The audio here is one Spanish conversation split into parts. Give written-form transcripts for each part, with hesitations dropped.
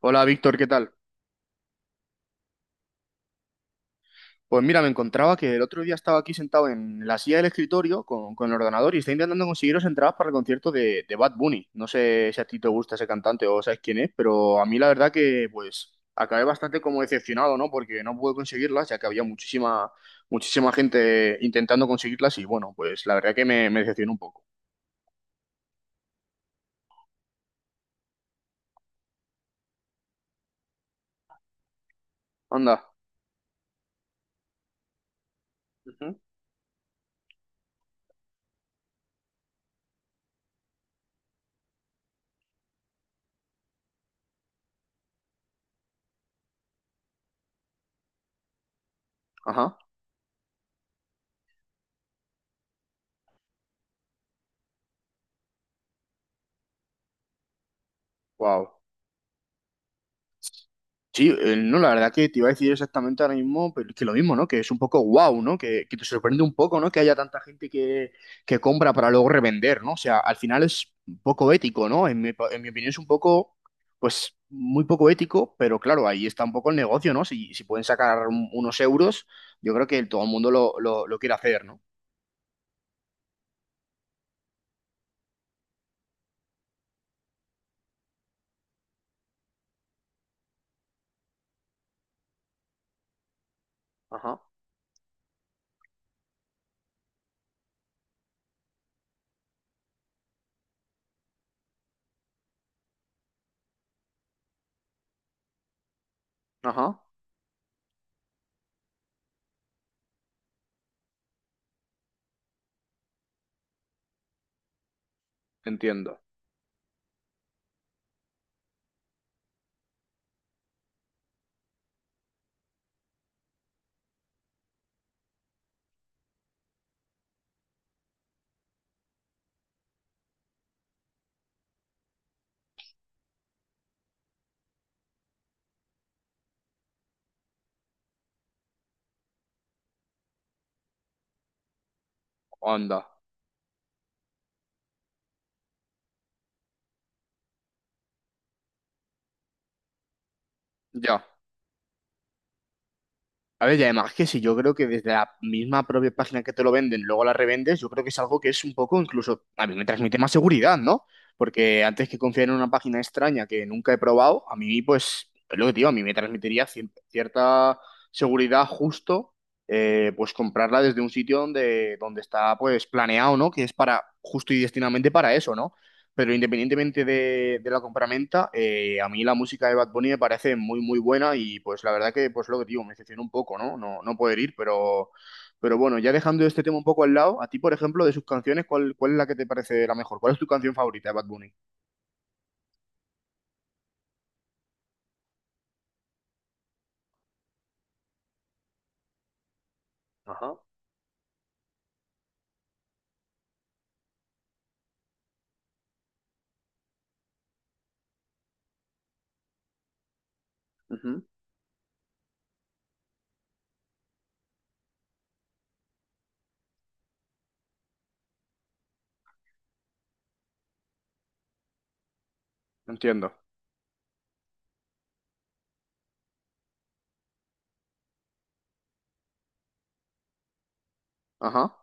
Hola Víctor, ¿qué tal? Pues mira, me encontraba que el otro día estaba aquí sentado en la silla del escritorio con el ordenador y está intentando conseguiros entradas para el concierto de Bad Bunny. No sé si a ti te gusta ese cantante o sabes quién es, pero a mí la verdad que pues acabé bastante como decepcionado, ¿no? Porque no pude conseguirlas, ya que había muchísima gente intentando conseguirlas y bueno, pues la verdad que me decepcionó un poco. Anda. Ujú. Ajá. Wow. Sí, no, la verdad que te iba a decir exactamente ahora mismo, pero es que lo mismo, ¿no? Que es un poco guau, ¿no? Que te sorprende un poco, ¿no? Que haya tanta gente que compra para luego revender, ¿no? O sea, al final es un poco ético, ¿no? En mi opinión es un poco, pues, muy poco ético, pero claro, ahí está un poco el negocio, ¿no? Si pueden sacar unos euros, yo creo que todo el mundo lo quiere hacer, ¿no? Ajá, ajá, entiendo. Onda. Ya. A ver, y además que si yo creo que desde la misma propia página que te lo venden, luego la revendes, yo creo que es algo que es un poco incluso, a mí me transmite más seguridad, ¿no? Porque antes que confiar en una página extraña que nunca he probado, a mí pues, es lo que te digo, a mí me transmitiría cierta seguridad justo, pues comprarla desde un sitio donde está pues planeado, ¿no? Que es para, justo y destinadamente para eso, ¿no? Pero independientemente de la compraventa, a mí la música de Bad Bunny me parece muy buena y pues la verdad que, pues lo que digo, me decepcionó un poco, ¿no? No poder ir, pero bueno, ya dejando este tema un poco al lado, a ti, por ejemplo, de sus canciones, ¿cuál, cuál es la que te parece la mejor? ¿Cuál es tu canción favorita de Bad Bunny? Ajá. Ujú. Entiendo. Ajá.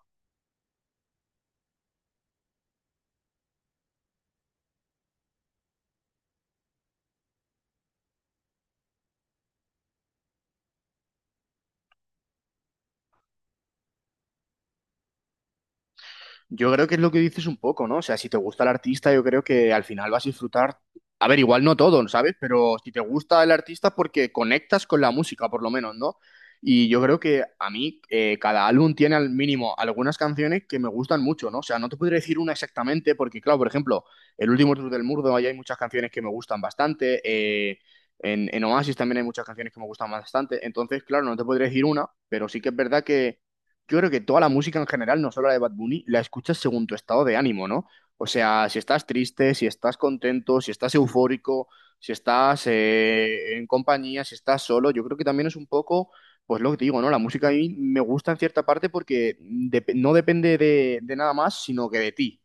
Yo creo que es lo que dices un poco, ¿no? O sea, si te gusta el artista, yo creo que al final vas a disfrutar. A ver, igual no todo, ¿sabes? Pero si te gusta el artista es porque conectas con la música, por lo menos, ¿no? Y yo creo que a mí cada álbum tiene al mínimo algunas canciones que me gustan mucho, ¿no? O sea, no te podría decir una exactamente porque, claro, por ejemplo, el último tour del Murdo, ahí hay muchas canciones que me gustan bastante. En Oasis también hay muchas canciones que me gustan bastante. Entonces, claro, no te podría decir una, pero sí que es verdad que yo creo que toda la música en general, no solo la de Bad Bunny, la escuchas según tu estado de ánimo, ¿no? O sea, si estás triste, si estás contento, si estás eufórico, si estás en compañía, si estás solo, yo creo que también es un poco, pues lo que digo, ¿no? La música a mí me gusta en cierta parte porque no depende de nada más, sino que de ti.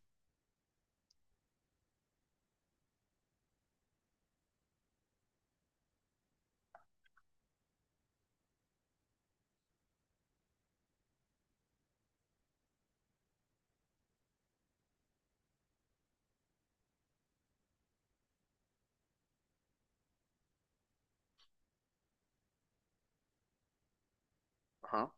Ajá,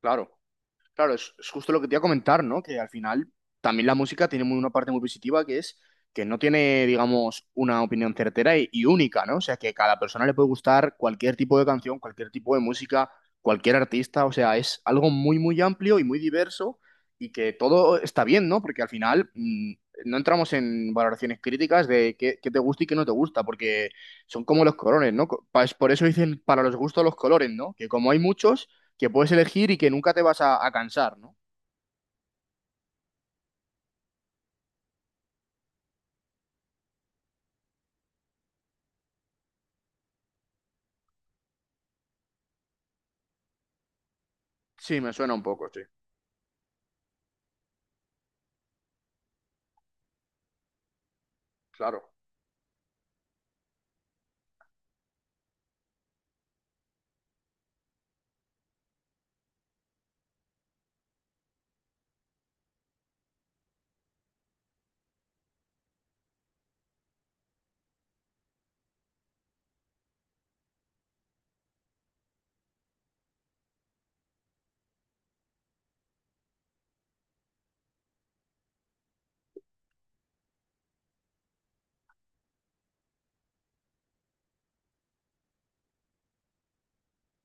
claro. Claro, es justo lo que te iba a comentar, ¿no? Que al final también la música tiene una parte muy positiva que es que no tiene, digamos, una opinión certera y única, ¿no? O sea, que a cada persona le puede gustar cualquier tipo de canción, cualquier tipo de música, cualquier artista, o sea, es algo muy amplio y muy diverso y que todo está bien, ¿no? Porque al final no entramos en valoraciones críticas de qué te gusta y qué no te gusta, porque son como los colores, ¿no? Es Por eso dicen para los gustos los colores, ¿no? Que como hay muchos que puedes elegir y que nunca te vas a cansar, ¿no? Sí, me suena un poco, sí. Claro,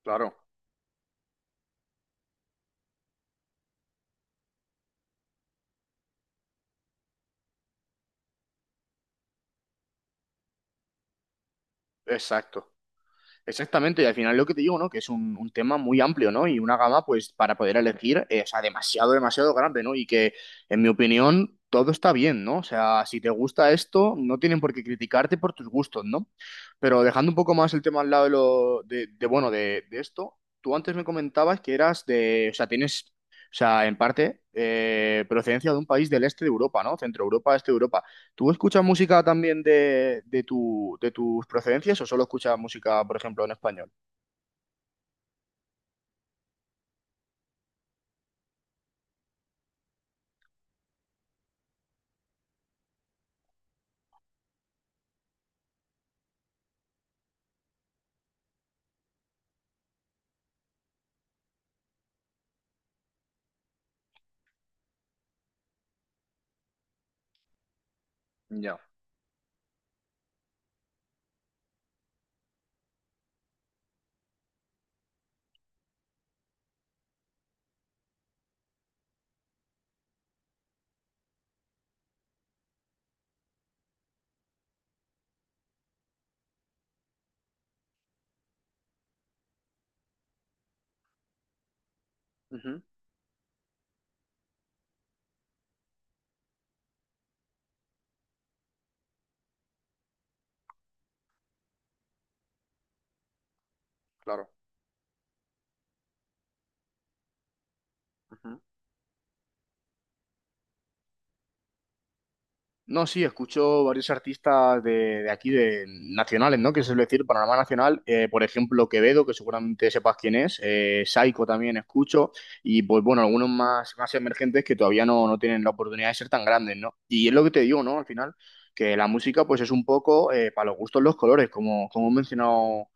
claro. Exacto. Exactamente, y al final lo que te digo, ¿no? Que es un tema muy amplio, ¿no? Y una gama, pues, para poder elegir, o sea, demasiado grande, ¿no? Y que, en mi opinión, todo está bien, ¿no? O sea, si te gusta esto, no tienen por qué criticarte por tus gustos, ¿no? Pero dejando un poco más el tema al lado de lo, bueno, de esto, tú antes me comentabas que eras de, o sea, tienes, o sea, en parte, procedencia de un país del este de Europa, ¿no? Centro Europa, este de Europa. ¿Tú escuchas música también de, de tus procedencias o solo escuchas música, por ejemplo, en español? Ya, ujú, claro. Ujú. No, sí, escucho varios artistas de aquí, de nacionales, ¿no? Que se suele decir, panorama nacional. Por ejemplo, Quevedo, que seguramente sepas quién es. Saiko también escucho. Y pues bueno, algunos más, más emergentes que todavía no tienen la oportunidad de ser tan grandes, ¿no? Y es lo que te digo, ¿no? Al final, que la música pues es un poco para los gustos los colores, como he mencionado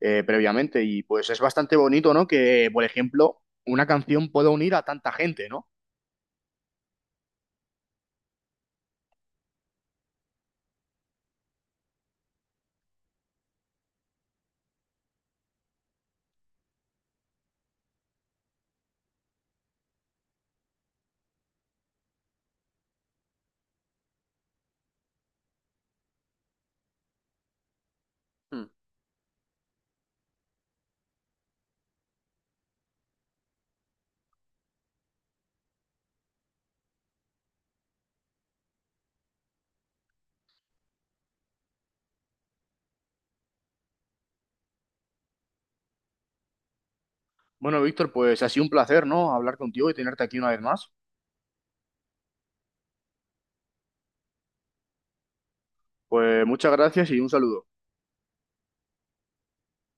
previamente. Y pues es bastante bonito, ¿no? Que, por ejemplo, una canción pueda unir a tanta gente, ¿no? Mm. Bueno, Víctor, pues ha sido un placer, ¿no? Hablar contigo y tenerte aquí una vez más. Pues muchas gracias y un saludo.